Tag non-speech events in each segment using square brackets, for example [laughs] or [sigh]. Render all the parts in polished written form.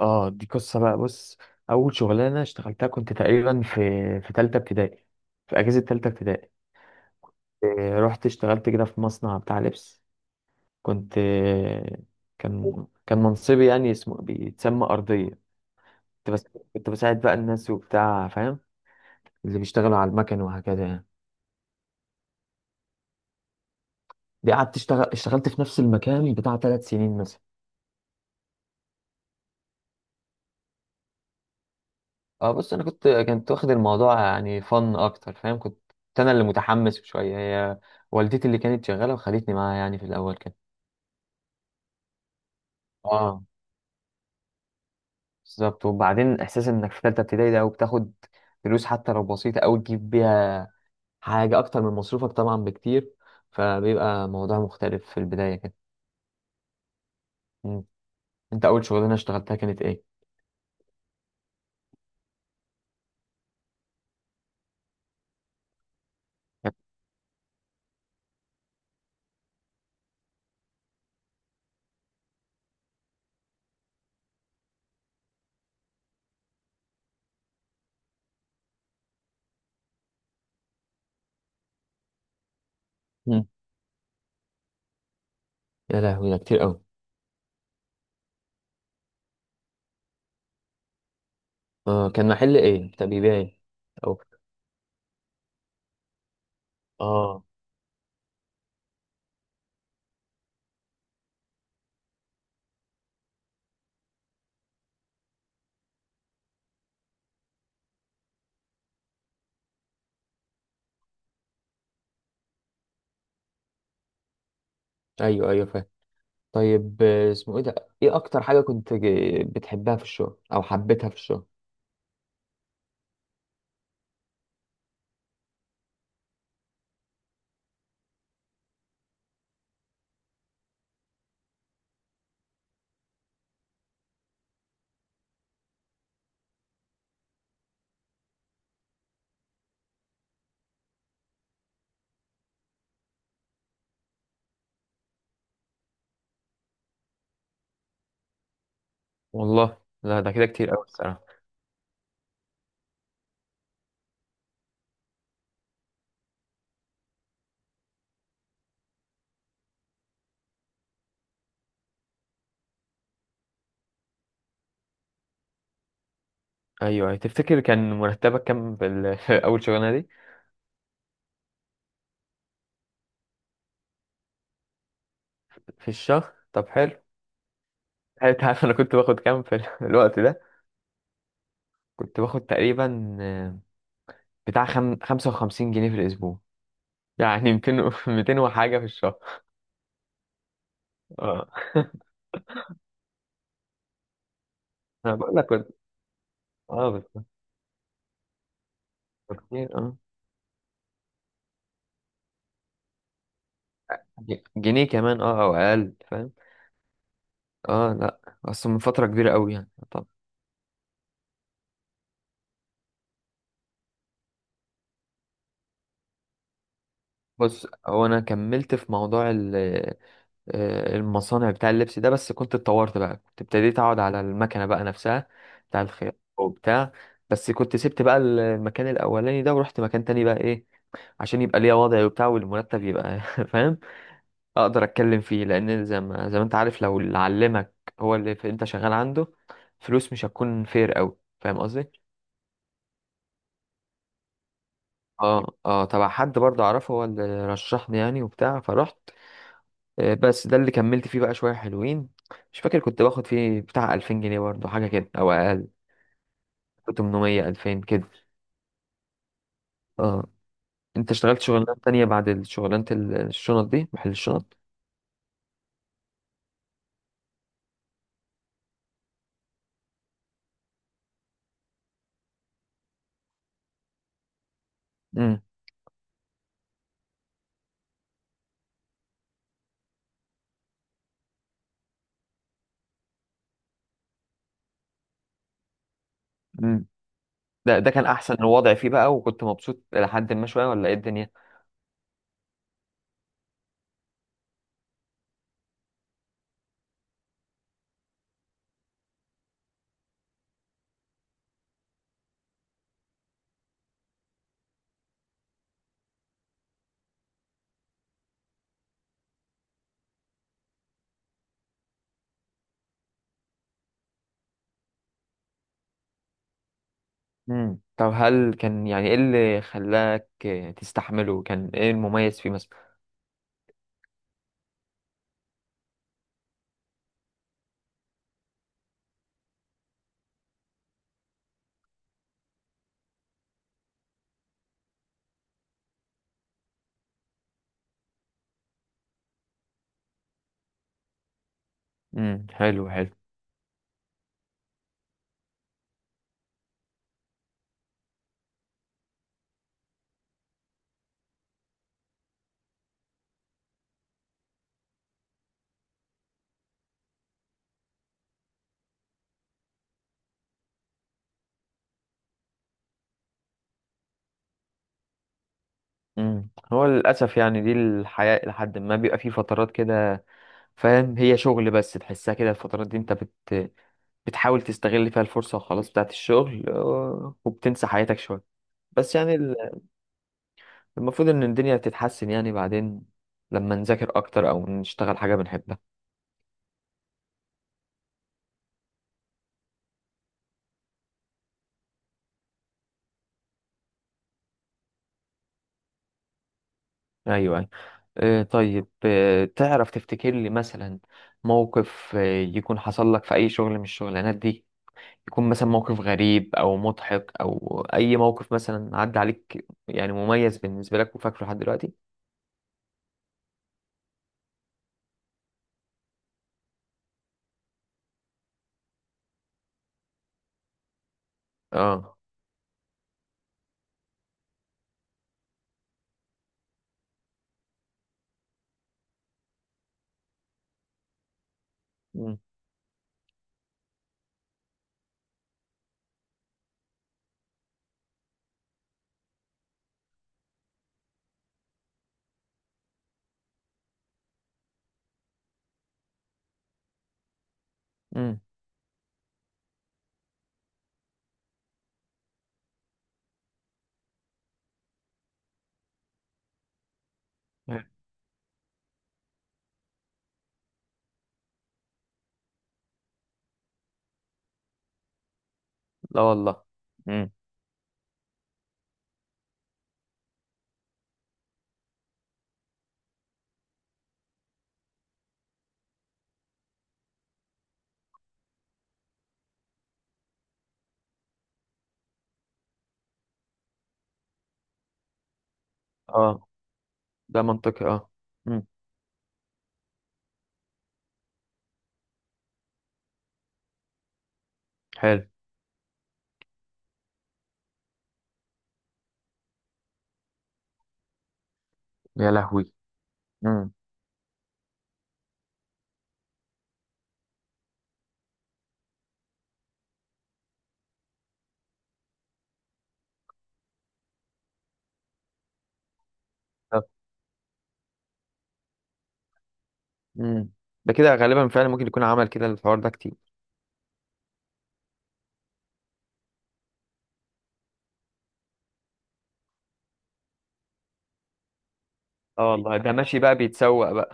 اه دي قصة بقى. بص، أول شغلانة اشتغلتها كنت تقريبا في تالتة ابتدائي، في أجازة تالتة ابتدائي. رحت اشتغلت كده في مصنع بتاع لبس. كنت كان منصبي يعني اسمه بيتسمى أرضية. كنت بس كنت بساعد بقى الناس وبتاع، فاهم؟ اللي بيشتغلوا على المكن وهكذا يعني. دي قعدت اشتغلت في نفس المكان بتاع ثلاث سنين مثلا. اه بص، انا كنت واخد الموضوع يعني فن اكتر، فاهم؟ كنت كنت انا اللي متحمس شويه. هي والدتي اللي كانت شغاله وخلتني معاها يعني في الاول كده. اه بالظبط. وبعدين احساس انك في ثالثه ابتدائي ده وبتاخد فلوس حتى لو بسيطه او تجيب بيها حاجه اكتر من مصروفك طبعا بكتير، فبيبقى موضوع مختلف في البدايه كده. مم. انت اول شغلانه اشتغلتها كانت ايه؟ مم. يا لهوي، ده كتير قوي. اه، كان محل ايه؟ طب بيبيع ايه؟ او. اه ايوه ايوه، فاهم. طيب اسمه ايه ده؟ ايه اكتر حاجه كنت بتحبها في الشغل او حبيتها في الشغل؟ والله لا، ده كده كتير قوي الصراحه. ايوه، تفتكر كان مرتبك كام في [laughs] في اول شغلانه دي؟ في الشهر؟ طب حلو. حلو. انت عارف انا كنت باخد كام في [laughs] الوقت ده؟ كنت باخد تقريبا بتاع 55 جنيه في الاسبوع [laughs] يعني [laughs] 200 وحاجه في الشهر. اه [laughs] انا بقول لك كنت، اه بالظبط، كتير اه. جنيه كمان اه او اقل، فاهم؟ اه لا، اصل من فتره كبيره قوي يعني. طب بص، هو انا كملت في موضوع المصانع بتاع اللبس ده، بس كنت اتطورت بقى، كنت ابتديت اقعد على المكنه بقى نفسها بتاع الخياطه وبتاع. بس كنت سبت بقى المكان الاولاني ده ورحت مكان تاني بقى، ايه، عشان يبقى ليا وضعي وبتاع والمرتب يبقى [laughs] فاهم؟ اقدر اتكلم فيه، لان زي ما انت عارف، لو اللي علمك هو اللي انت شغال عنده، فلوس مش هتكون فير قوي، فاهم قصدي؟ اه اه، تبع حد برضه اعرفه، هو اللي رشحني يعني وبتاع، فرحت. بس ده اللي كملت فيه بقى شوية حلوين. مش فاكر، كنت باخد فيه بتاع 2000 جنيه برضه، حاجة كده أو أقل. 800 2000 كده. اه. أنت اشتغلت شغلانات تانية بعد شغلانة الشنط دي، محل الشنط؟ امم. امم. ده ده كان أحسن الوضع فيه بقى، وكنت مبسوط لحد ما شوية، ولا إيه الدنيا؟ امم. طب هل كان يعني، إيه اللي خلاك تستحمله؟ كان إيه المميز فيه مثلا؟ حلو حلو. امم، هو للأسف يعني دي الحياة، لحد ما بيبقى فيه فترات كده، فاهم؟ هي شغل بس تحسها كده الفترات دي، انت بتحاول تستغل فيها الفرصة وخلاص بتاعت الشغل، وبتنسى حياتك شوية. بس يعني المفروض ان الدنيا تتحسن يعني بعدين، لما نذاكر اكتر او نشتغل حاجة بنحبها. ايوه ايوه. طيب تعرف تفتكر لي مثلا موقف يكون حصل لك في اي شغل من الشغلانات دي؟ يكون مثلا موقف غريب او مضحك او اي موقف مثلا عدى عليك، يعني مميز بالنسبة لك وفاكره لحد دلوقتي. اه. مم. إيه. لا والله. امم. اه، ده منطقي اه. امم حلو. يا لهوي. امم. طب. امم. ده كده غالبا فعلا ممكن يكون عمل كده، الحوار ده كتير. اه والله، ده ماشي بقى بيتسوق بقى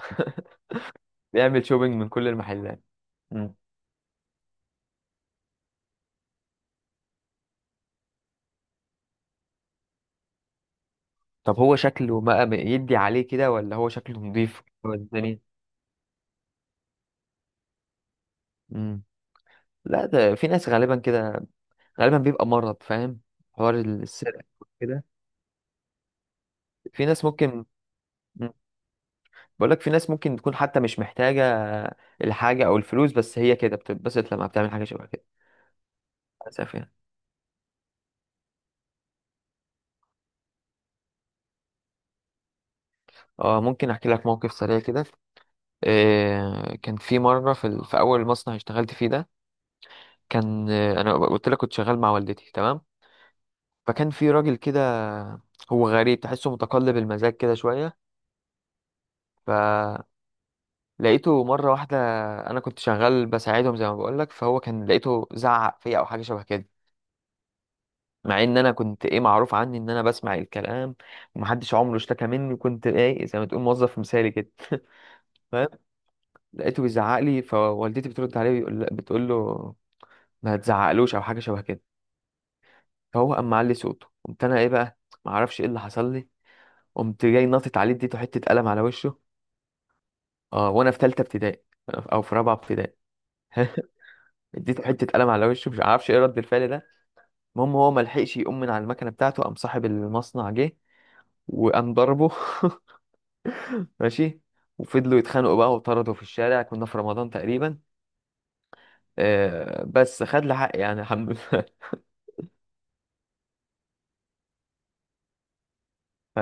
[laughs] بيعمل شوبينج من كل المحلات. امم. طب هو شكله ما يدي عليه كده، ولا هو شكله نضيف ولا الدنيا؟ امم. لا، ده في ناس غالبا كده، غالبا بيبقى مرض، فاهم؟ حوار السرقة كده. في ناس ممكن. بقولك في ناس ممكن تكون حتى مش محتاجة الحاجة أو الفلوس، بس هي كده بتتبسط لما بتعمل حاجة شبه كده. للأسف يعني. اه، ممكن أحكي لك موقف سريع كده. إيه، كان في مرة في أول مصنع اشتغلت فيه ده، كان أنا قلت لك كنت شغال مع والدتي، تمام؟ فكان في راجل كده، هو غريب، تحسه متقلب المزاج كده شوية. فلقيته مرة واحدة، أنا كنت شغال بساعدهم زي ما بقولك، فهو كان لقيته زعق فيا أو حاجة شبه كده. مع ان انا كنت ايه، معروف عني ان انا بسمع الكلام ومحدش عمره اشتكى مني، وكنت ايه زي ما تقول موظف مثالي كده [laughs] فاهم؟ لقيته بيزعق لي، فوالدتي بترد عليه بتقول له ما تزعقلوش او حاجه شبه كده. فهو قام معلي صوته، قمت انا ايه بقى، ما اعرفش ايه اللي حصل لي، قمت جاي ناطط عليه اديته حته قلم على وشه. اه، وانا في ثالثه ابتدائي او في رابعه ابتدائي. [laughs] اديته حته قلم على وشه، مش عارفش ايه رد الفعل ده. المهم هو ما لحقش يقوم من على المكنه بتاعته، قام صاحب المصنع جه وقام ضربه [laughs] ماشي. وفضلوا يتخانقوا بقى وطردوا في الشارع. كنا في رمضان تقريبا. آه، بس خد لي حقي يعني، الحمد لله. [laughs]